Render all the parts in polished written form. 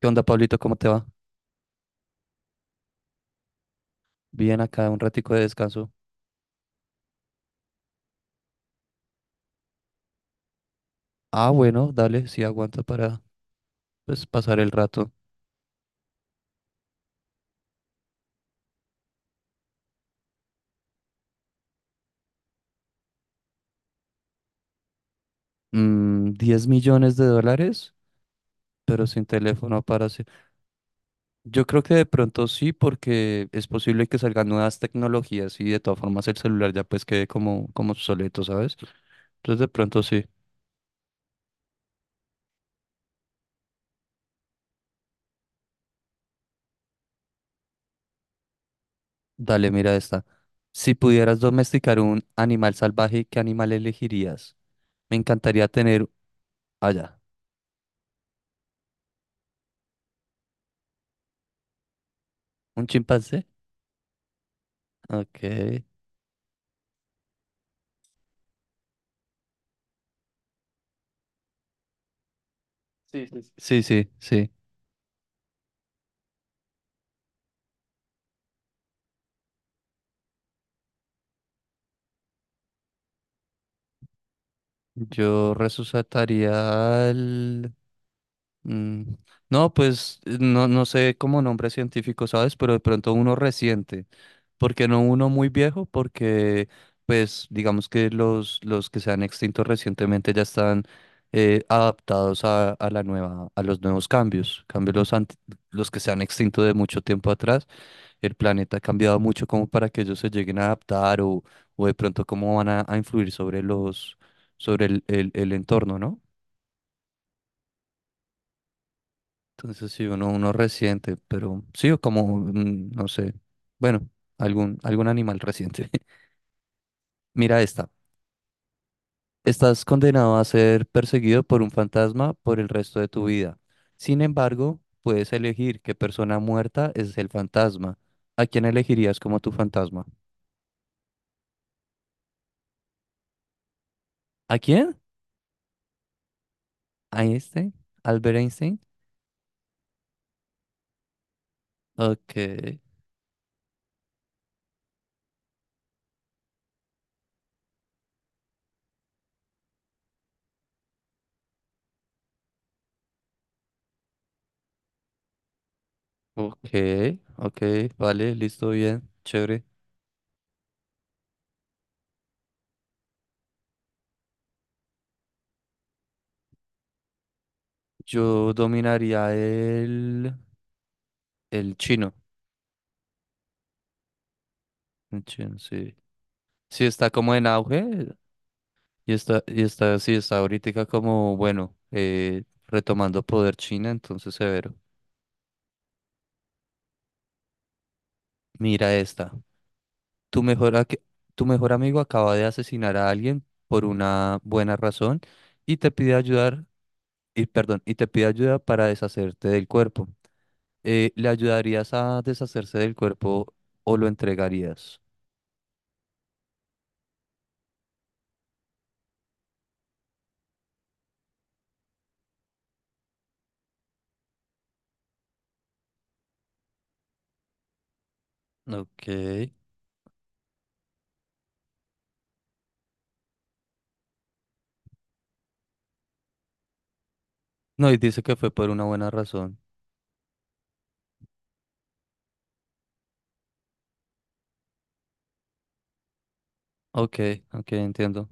¿Qué onda, Pablito? ¿Cómo te va? Bien, acá un ratico de descanso. Ah, bueno, dale, sí aguanta para pues, pasar el rato. 10 millones de dólares, pero sin teléfono para hacer. Yo creo que de pronto sí, porque es posible que salgan nuevas tecnologías y de todas formas el celular ya pues quede como obsoleto, ¿sabes? Entonces de pronto sí. Dale, mira esta. Si pudieras domesticar un animal salvaje, ¿qué animal elegirías? Me encantaría tener allá. ¿Un chimpancé? Ok. Sí, sí, sí. Sí, sí, sí. Yo resucitaría el. mm, No, pues no, no sé cómo nombre científico, ¿sabes? Pero de pronto uno reciente. ¿Porque no uno muy viejo? Porque, pues, digamos que los que se han extinto recientemente ya están adaptados a la nueva, a los nuevos cambios. Cambio los que se han extinto de mucho tiempo atrás. El planeta ha cambiado mucho como para que ellos se lleguen a adaptar o, de pronto cómo van a influir sobre los, sobre el entorno, ¿no? Entonces sí, uno resiente, pero sí, o como, no sé, bueno, algún animal reciente. Mira esta. Estás condenado a ser perseguido por un fantasma por el resto de tu vida. Sin embargo, puedes elegir qué persona muerta es el fantasma. ¿A quién elegirías como tu fantasma? ¿A quién? ¿A Einstein? ¿Albert Einstein? Ok, ok, ok, vale, listo, bien, chévere. Yo dominaría el chino. El chino, sí. Sí, está como en auge y está, sí, está ahorita como, bueno, retomando poder China, entonces severo. Mira esta. Tu mejor, a- tu mejor amigo acaba de asesinar a alguien por una buena razón y te pide ayudar, y perdón, y te pide ayuda para deshacerte del cuerpo. ¿le ayudarías a deshacerse del cuerpo o lo entregarías? Ok. No, y dice que fue por una buena razón. Ok, ok, entiendo.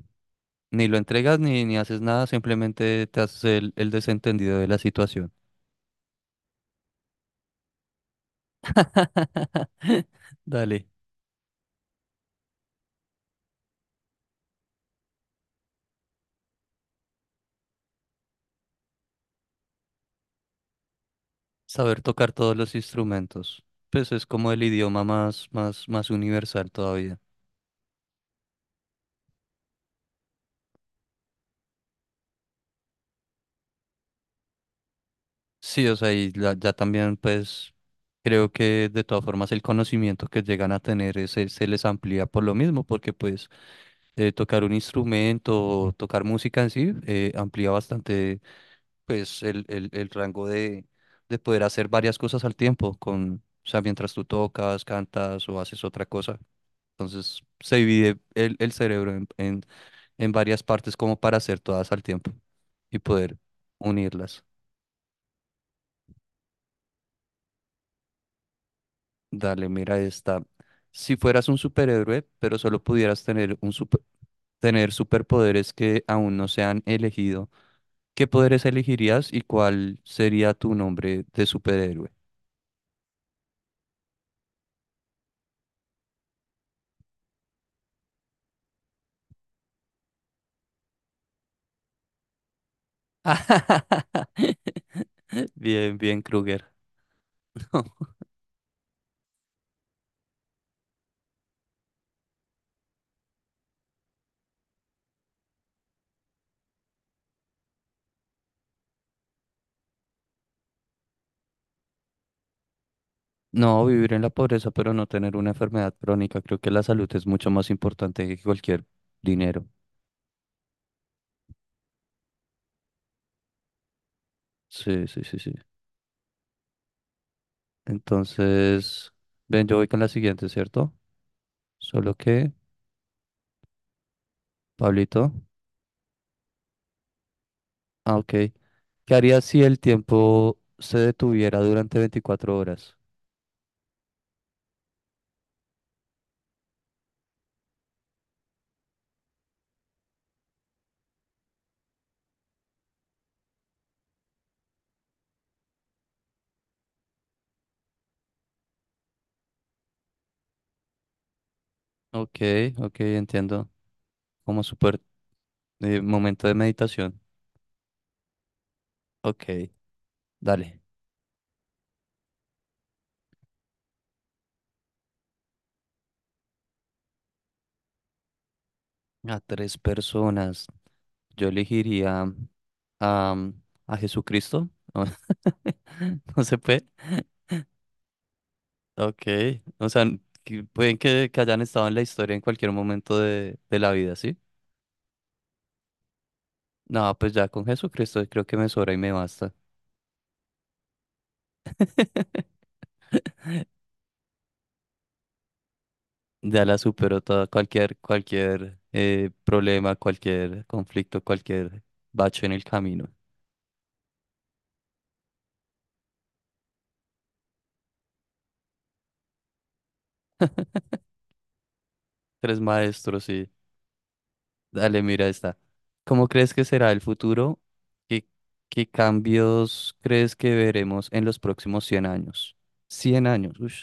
Ni lo entregas ni haces nada, simplemente te haces el desentendido de la situación. Dale, saber tocar todos los instrumentos. Pues es como el idioma más, más, más universal todavía. Sí, o sea, y ya también pues creo que de todas formas el conocimiento que llegan a tener ese, se les amplía por lo mismo, porque pues tocar un instrumento, o tocar música en sí, amplía bastante pues el rango de poder hacer varias cosas al tiempo, con, o sea, mientras tú tocas, cantas o haces otra cosa. Entonces se divide el cerebro en varias partes como para hacer todas al tiempo y poder unirlas. Dale, mira esta. Si fueras un superhéroe, pero solo pudieras tener superpoderes que aún no se han elegido, ¿qué poderes elegirías y cuál sería tu nombre de superhéroe? Bien, bien, Kruger. No, vivir en la pobreza, pero no tener una enfermedad crónica. Creo que la salud es mucho más importante que cualquier dinero. Sí, sí, sí, sí. Entonces, ven, yo voy con la siguiente, ¿cierto? Solo que, Pablito. Ah, ok. ¿Qué harías si el tiempo se detuviera durante 24 horas? Ok, ok, entiendo. Como súper momento de meditación. Ok, dale. A tres personas. Yo elegiría a, a Jesucristo. No se puede. Ok. O sea, que pueden que hayan estado en la historia en cualquier momento de la vida, ¿sí? No, pues ya con Jesucristo creo que me sobra y me basta. Ya la superó toda, cualquier, problema, cualquier conflicto, cualquier bache en el camino. Tres maestros y dale, mira esta. ¿Cómo crees que será el futuro? ¿Qué, qué cambios crees que veremos en los próximos 100 años? 100 años, uff,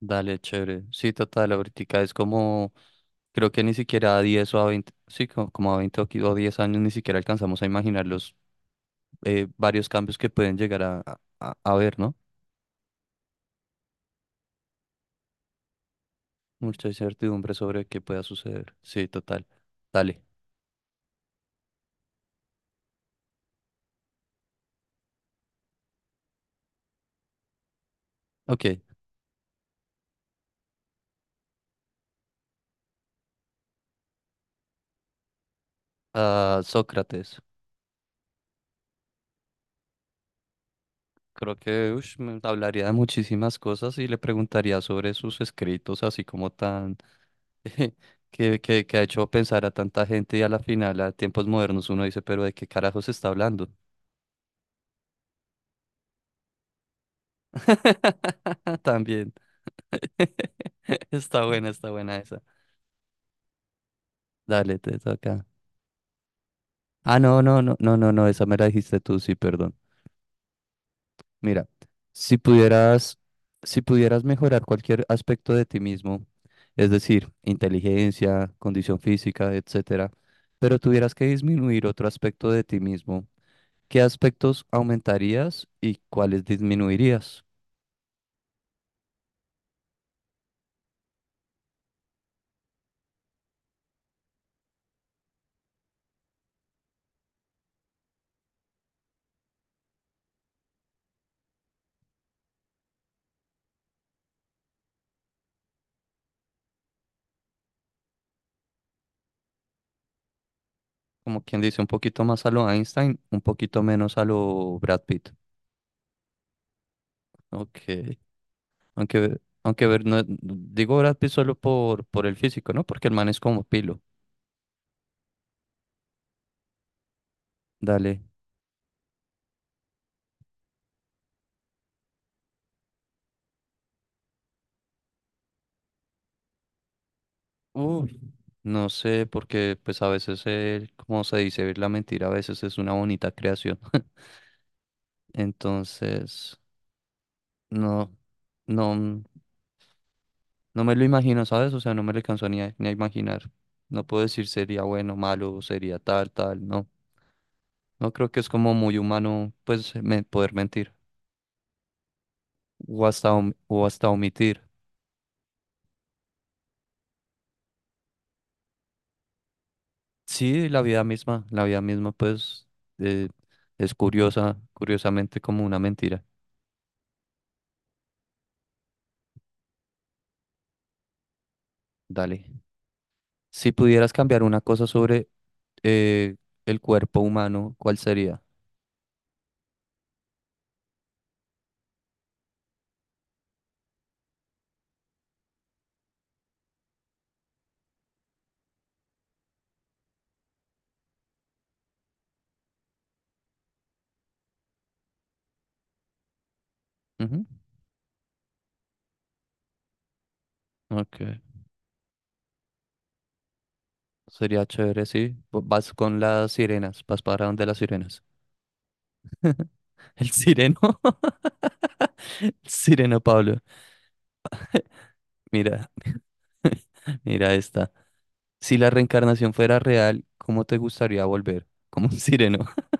dale, chévere. Sí, total, ahorita es como, creo que ni siquiera a 10 o a 20 sí, como, a 20 o 10 años ni siquiera alcanzamos a imaginar los varios cambios que pueden llegar a ver, ¿no? Mucha incertidumbre sobre qué pueda suceder. Sí, total. Dale. Ok. Ah, Sócrates. Creo que ush, me hablaría de muchísimas cosas y le preguntaría sobre sus escritos, así como tan que ha hecho pensar a tanta gente y a la final, a tiempos modernos, uno dice, pero ¿de qué carajo se está hablando? También. Está buena esa. Dale, te toca. Ah, no, no, no, no, no, no, esa me la dijiste tú, sí, perdón. Mira, si pudieras, si pudieras mejorar cualquier aspecto de ti mismo, es decir, inteligencia, condición física, etcétera, pero tuvieras que disminuir otro aspecto de ti mismo, ¿qué aspectos aumentarías y cuáles disminuirías? Como quien dice, un poquito más a lo Einstein, un poquito menos a lo Brad Pitt. Ok, aunque, aunque ver, digo Brad Pitt solo por el físico, ¿no? Porque el man es como pilo. Dale. Uf, no sé, porque pues a veces, como se dice, la mentira a veces es una bonita creación. Entonces, no, no, no me lo imagino, ¿sabes? O sea, no me lo alcanzo ni a imaginar. No puedo decir sería bueno, malo, sería tal, tal, no. No creo que es como muy humano, pues, poder mentir o hasta omitir. Sí, la vida misma, pues, eh, es curiosa, curiosamente como una mentira. Dale. Si pudieras cambiar una cosa sobre eh, el cuerpo humano, ¿cuál sería? Ujú. Ok, sería chévere, sí. Vas con las sirenas, vas para donde las sirenas. El sireno, el sireno Pablo. Mira, mira esta. Si la reencarnación fuera real, ¿cómo te gustaría volver? Como un sireno.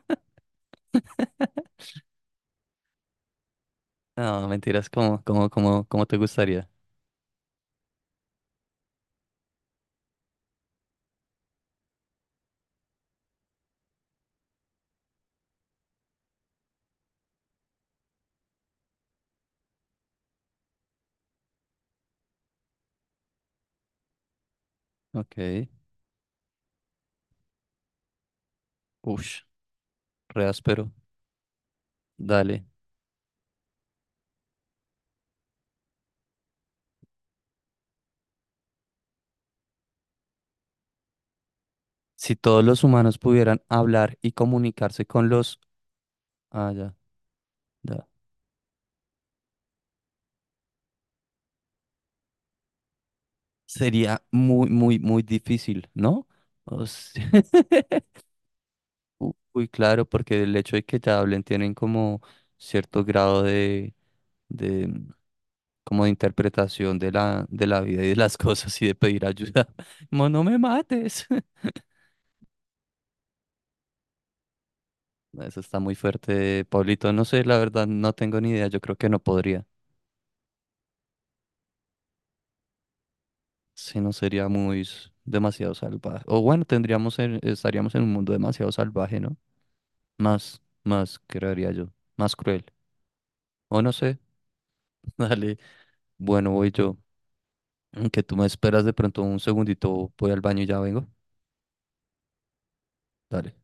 No, mentiras, ¿cómo te gustaría? Ok. Ush, re áspero. Dale. Si todos los humanos pudieran hablar y comunicarse con los. Ah, ya, ya. Sería muy, muy, muy difícil, ¿no? O sea, Uy, claro, porque el hecho de que te hablen tienen como cierto grado de, como de interpretación de la vida y de las cosas y de pedir ayuda. Como, no me mates. Eso está muy fuerte, Pablito. No sé, la verdad, no tengo ni idea. Yo creo que no podría. Si no sería muy demasiado salvaje. O bueno, tendríamos estaríamos en un mundo demasiado salvaje, ¿no? Más, más, creería yo. Más cruel. O no sé. Dale. Bueno, voy yo. Que tú me esperas de pronto un segundito. Voy al baño y ya vengo. Dale.